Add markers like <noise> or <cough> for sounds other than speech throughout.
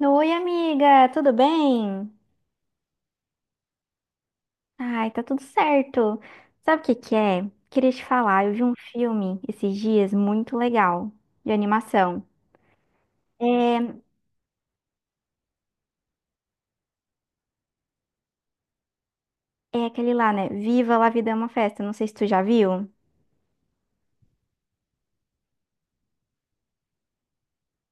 Oi, amiga, tudo bem? Ai, tá tudo certo. Sabe o que que é? Queria te falar, eu vi um filme esses dias muito legal, de animação. É, é aquele lá, né? Viva La Vida é uma Festa, não sei se tu já viu.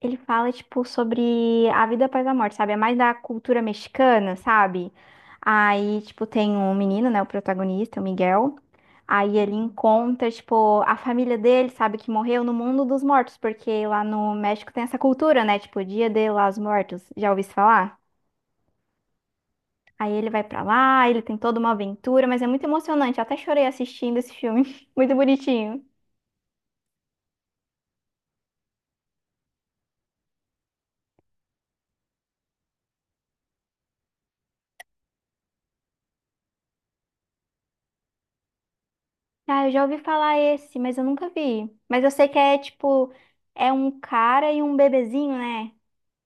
Ele fala, tipo, sobre a vida após a morte, sabe? É mais da cultura mexicana, sabe? Aí, tipo, tem um menino, né? O protagonista, o Miguel. Aí ele encontra, tipo, a família dele, sabe? Que morreu no mundo dos mortos, porque lá no México tem essa cultura, né? Tipo, Dia de los Muertos. Já ouvi isso falar? Aí ele vai pra lá, ele tem toda uma aventura, mas é muito emocionante. Eu até chorei assistindo esse filme. <laughs> Muito bonitinho. Ah, eu já ouvi falar esse, mas eu nunca vi. Mas eu sei que é tipo, é um cara e um bebezinho, né?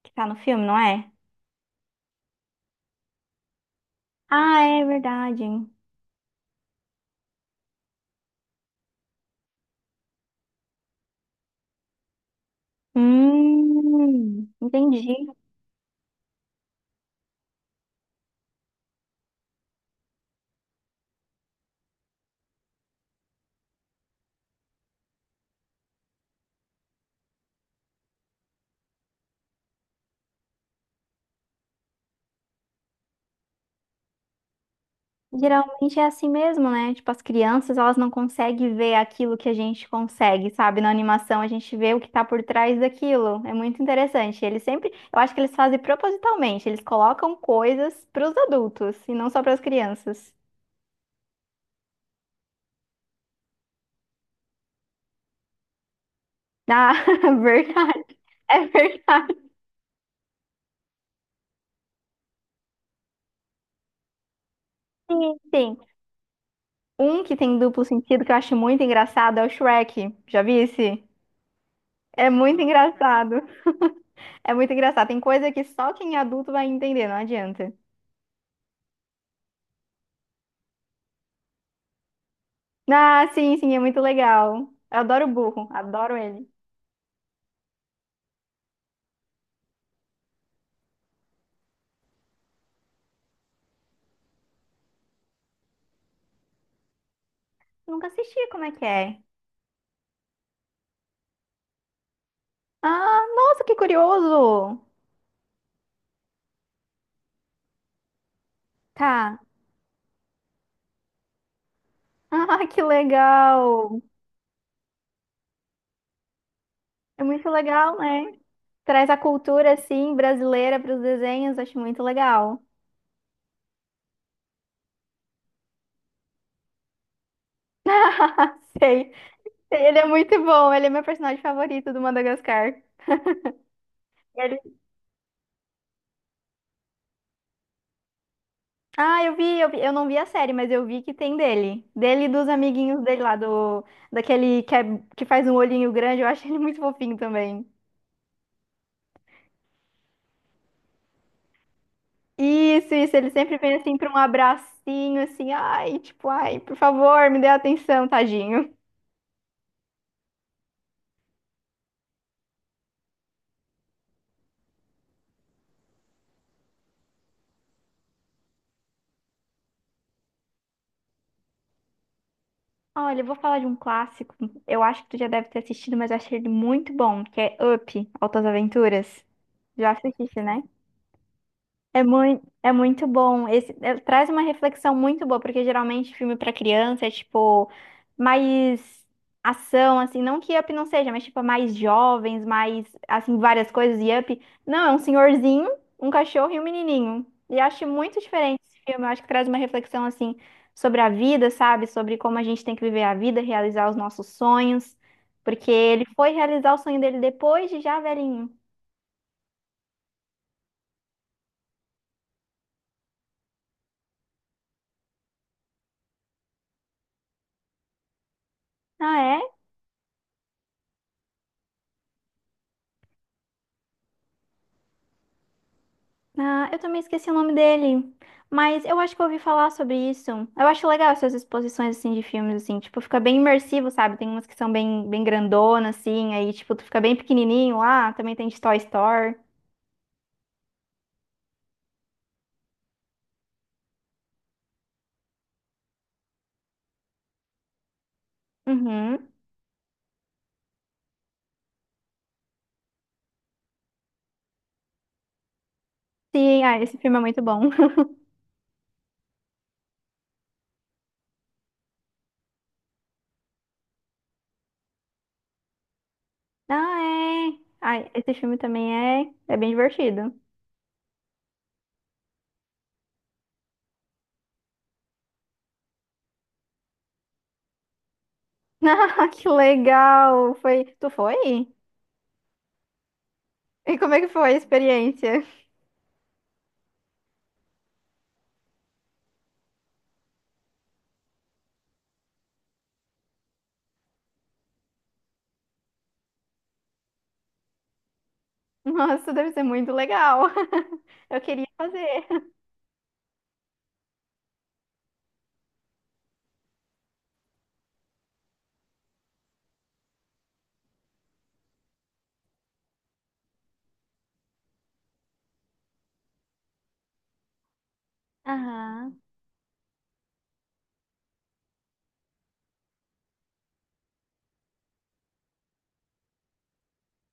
Que tá no filme, não é? Ah, é verdade. Entendi. Geralmente é assim mesmo, né? Tipo, as crianças, elas não conseguem ver aquilo que a gente consegue, sabe? Na animação, a gente vê o que tá por trás daquilo. É muito interessante. Eles sempre, eu acho que eles fazem propositalmente, eles colocam coisas pros adultos e não só pras crianças. Ah, <laughs> verdade. É verdade. Sim, sim. Um que tem duplo sentido que eu acho muito engraçado é o Shrek. Já vi esse. É muito engraçado. É muito engraçado. Tem coisa que só quem é adulto vai entender, não adianta. Ah, sim, sim, é muito legal. Eu adoro o burro, adoro ele. Nunca assisti, como é que é? Ah, nossa, que curioso! Tá. <laughs> Ah, que legal! É muito legal, né? Traz a cultura, assim, brasileira para os desenhos, acho muito legal. <laughs> Sei. Ele é muito bom, ele é meu personagem favorito do Madagascar. Ele- Ah, eu vi, eu não vi a série, mas eu vi que tem dele. Dele e dos amiguinhos dele lá, do, daquele que, que faz um olhinho grande, eu acho ele muito fofinho também. Isso, ele sempre vem assim pra um abracinho, assim, ai, tipo, ai, por favor, me dê atenção, tadinho. Olha, eu vou falar de um clássico, eu acho que tu já deve ter assistido, mas eu achei ele muito bom, que é Up, Altas Aventuras. Já assististe, né? É muito bom. Esse, é, traz uma reflexão muito boa, porque geralmente filme para criança é tipo mais ação, assim, não que Up não seja, mas tipo é mais jovens, mais assim várias coisas e Up, não, é um senhorzinho, um cachorro e um menininho. E acho muito diferente esse filme. Eu acho que traz uma reflexão assim sobre a vida, sabe? Sobre como a gente tem que viver a vida, realizar os nossos sonhos, porque ele foi realizar o sonho dele depois de já velhinho. Ah, é? Ah, eu também esqueci o nome dele. Mas eu acho que eu ouvi falar sobre isso. Eu acho legal essas exposições, assim, de filmes, assim. Tipo, fica bem imersivo, sabe? Tem umas que são bem, bem grandonas, assim. Aí, tipo, tu fica bem pequenininho lá. Também tem de Toy Story. Uhum. Sim, ah, esse filme é muito bom. <laughs> Ah, é. Ai, esse filme também é, é bem divertido. <laughs> Ah, que legal! Foi... Tu foi? E como é que foi a experiência? <laughs> Nossa, deve ser muito legal. <laughs> Eu queria fazer. Aham.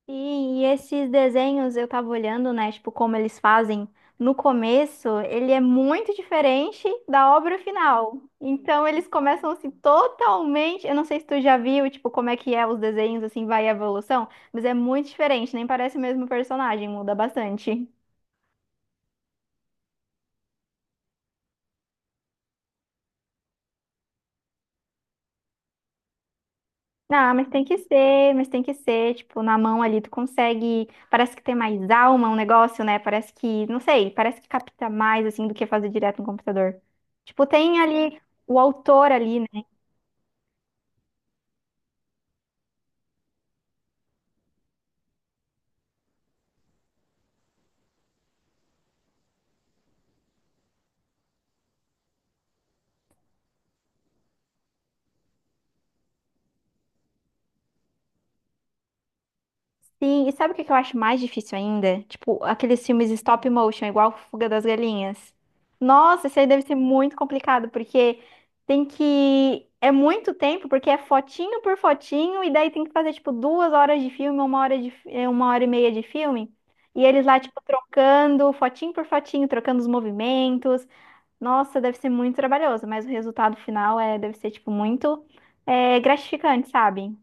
Sim, e esses desenhos eu tava olhando, né, tipo, como eles fazem no começo, ele é muito diferente da obra final. Então eles começam assim totalmente, eu não sei se tu já viu, tipo, como é que é os desenhos assim, vai a evolução, mas é muito diferente, nem parece o mesmo personagem, muda bastante. Não, mas tem que ser, tipo, na mão ali tu consegue, parece que tem mais alma um negócio, né? Parece que, não sei, parece que capta mais assim do que fazer direto no computador. Tipo, tem ali o autor ali. Sim, e sabe o que que eu acho mais difícil ainda? Tipo, aqueles filmes stop motion, igual Fuga das Galinhas. Nossa, isso aí deve ser muito complicado, porque tem que. É muito tempo, porque é fotinho por fotinho, e daí tem que fazer, tipo, duas horas de filme, uma hora de uma hora e meia de filme. E eles lá, tipo, trocando fotinho por fotinho, trocando os movimentos. Nossa, deve ser muito trabalhoso, mas o resultado final é... deve ser, tipo, muito gratificante, sabe?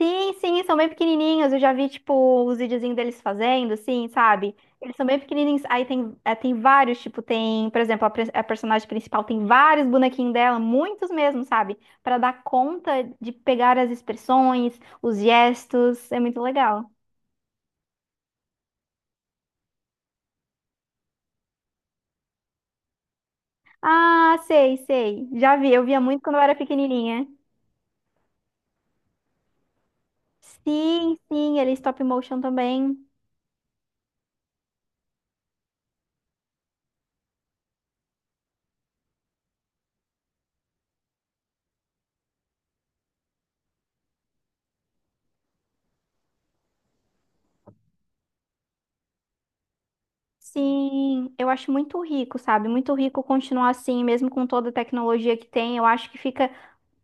Sim, sim, são bem pequenininhos. Eu já vi, tipo, os videozinhos deles fazendo, assim, sabe? Eles são bem pequenininhos. Aí tem, é, tem vários, tipo, tem, por exemplo, a personagem principal tem vários bonequinhos dela, muitos mesmo, sabe? Pra dar conta de pegar as expressões, os gestos. É muito legal. Ah, sei, sei. Já vi, eu via muito quando eu era pequenininha. Sim, sim, ele é stop motion também. Sim, eu acho muito rico, sabe? Muito rico continuar assim, mesmo com toda a tecnologia que tem. Eu acho que fica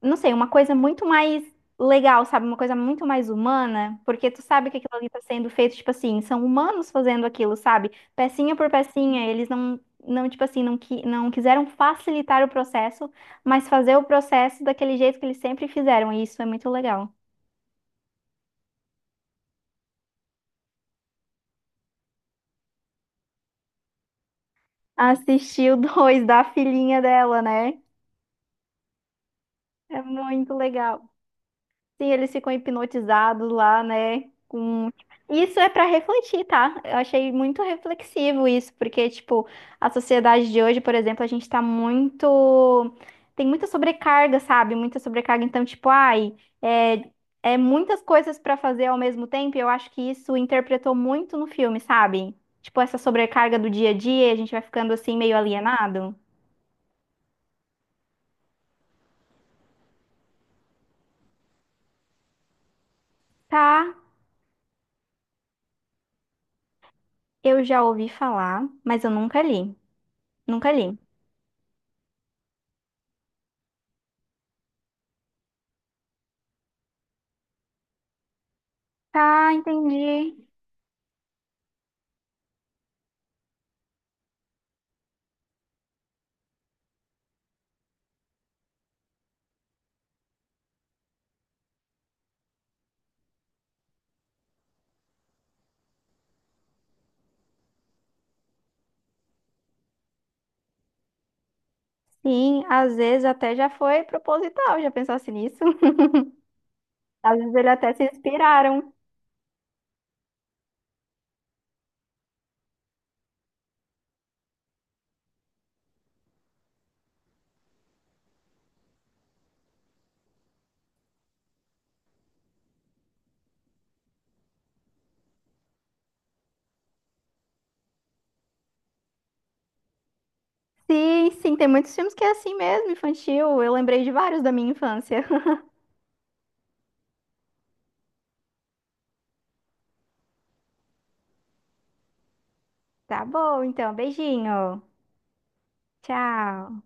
não sei, uma coisa muito mais legal, sabe? Uma coisa muito mais humana, porque tu sabe que aquilo ali tá sendo feito, tipo assim, são humanos fazendo aquilo, sabe? Pecinha por pecinha, eles não, não tipo assim, não quiseram facilitar o processo, mas fazer o processo daquele jeito que eles sempre fizeram, e isso é muito legal. Assistir o dois <laughs> da filhinha dela, né? É muito legal. Sim, eles ficam hipnotizados lá, né? Com... Isso é para refletir, tá? Eu achei muito reflexivo isso, porque, tipo, a sociedade de hoje, por exemplo, a gente tá muito. Tem muita sobrecarga, sabe? Muita sobrecarga. Então, tipo, ai, é, é muitas coisas para fazer ao mesmo tempo, e eu acho que isso interpretou muito no filme, sabe? Tipo, essa sobrecarga do dia a dia, e a gente vai ficando assim meio alienado. Tá, eu já ouvi falar, mas eu nunca li. Nunca li. Tá, entendi. Sim, às vezes até já foi proposital, já pensasse nisso. <laughs> Às vezes eles até se inspiraram. Sim, sim, tem muitos filmes que é assim mesmo, infantil. Eu lembrei de vários da minha infância. <laughs> Tá bom, então, beijinho. Tchau.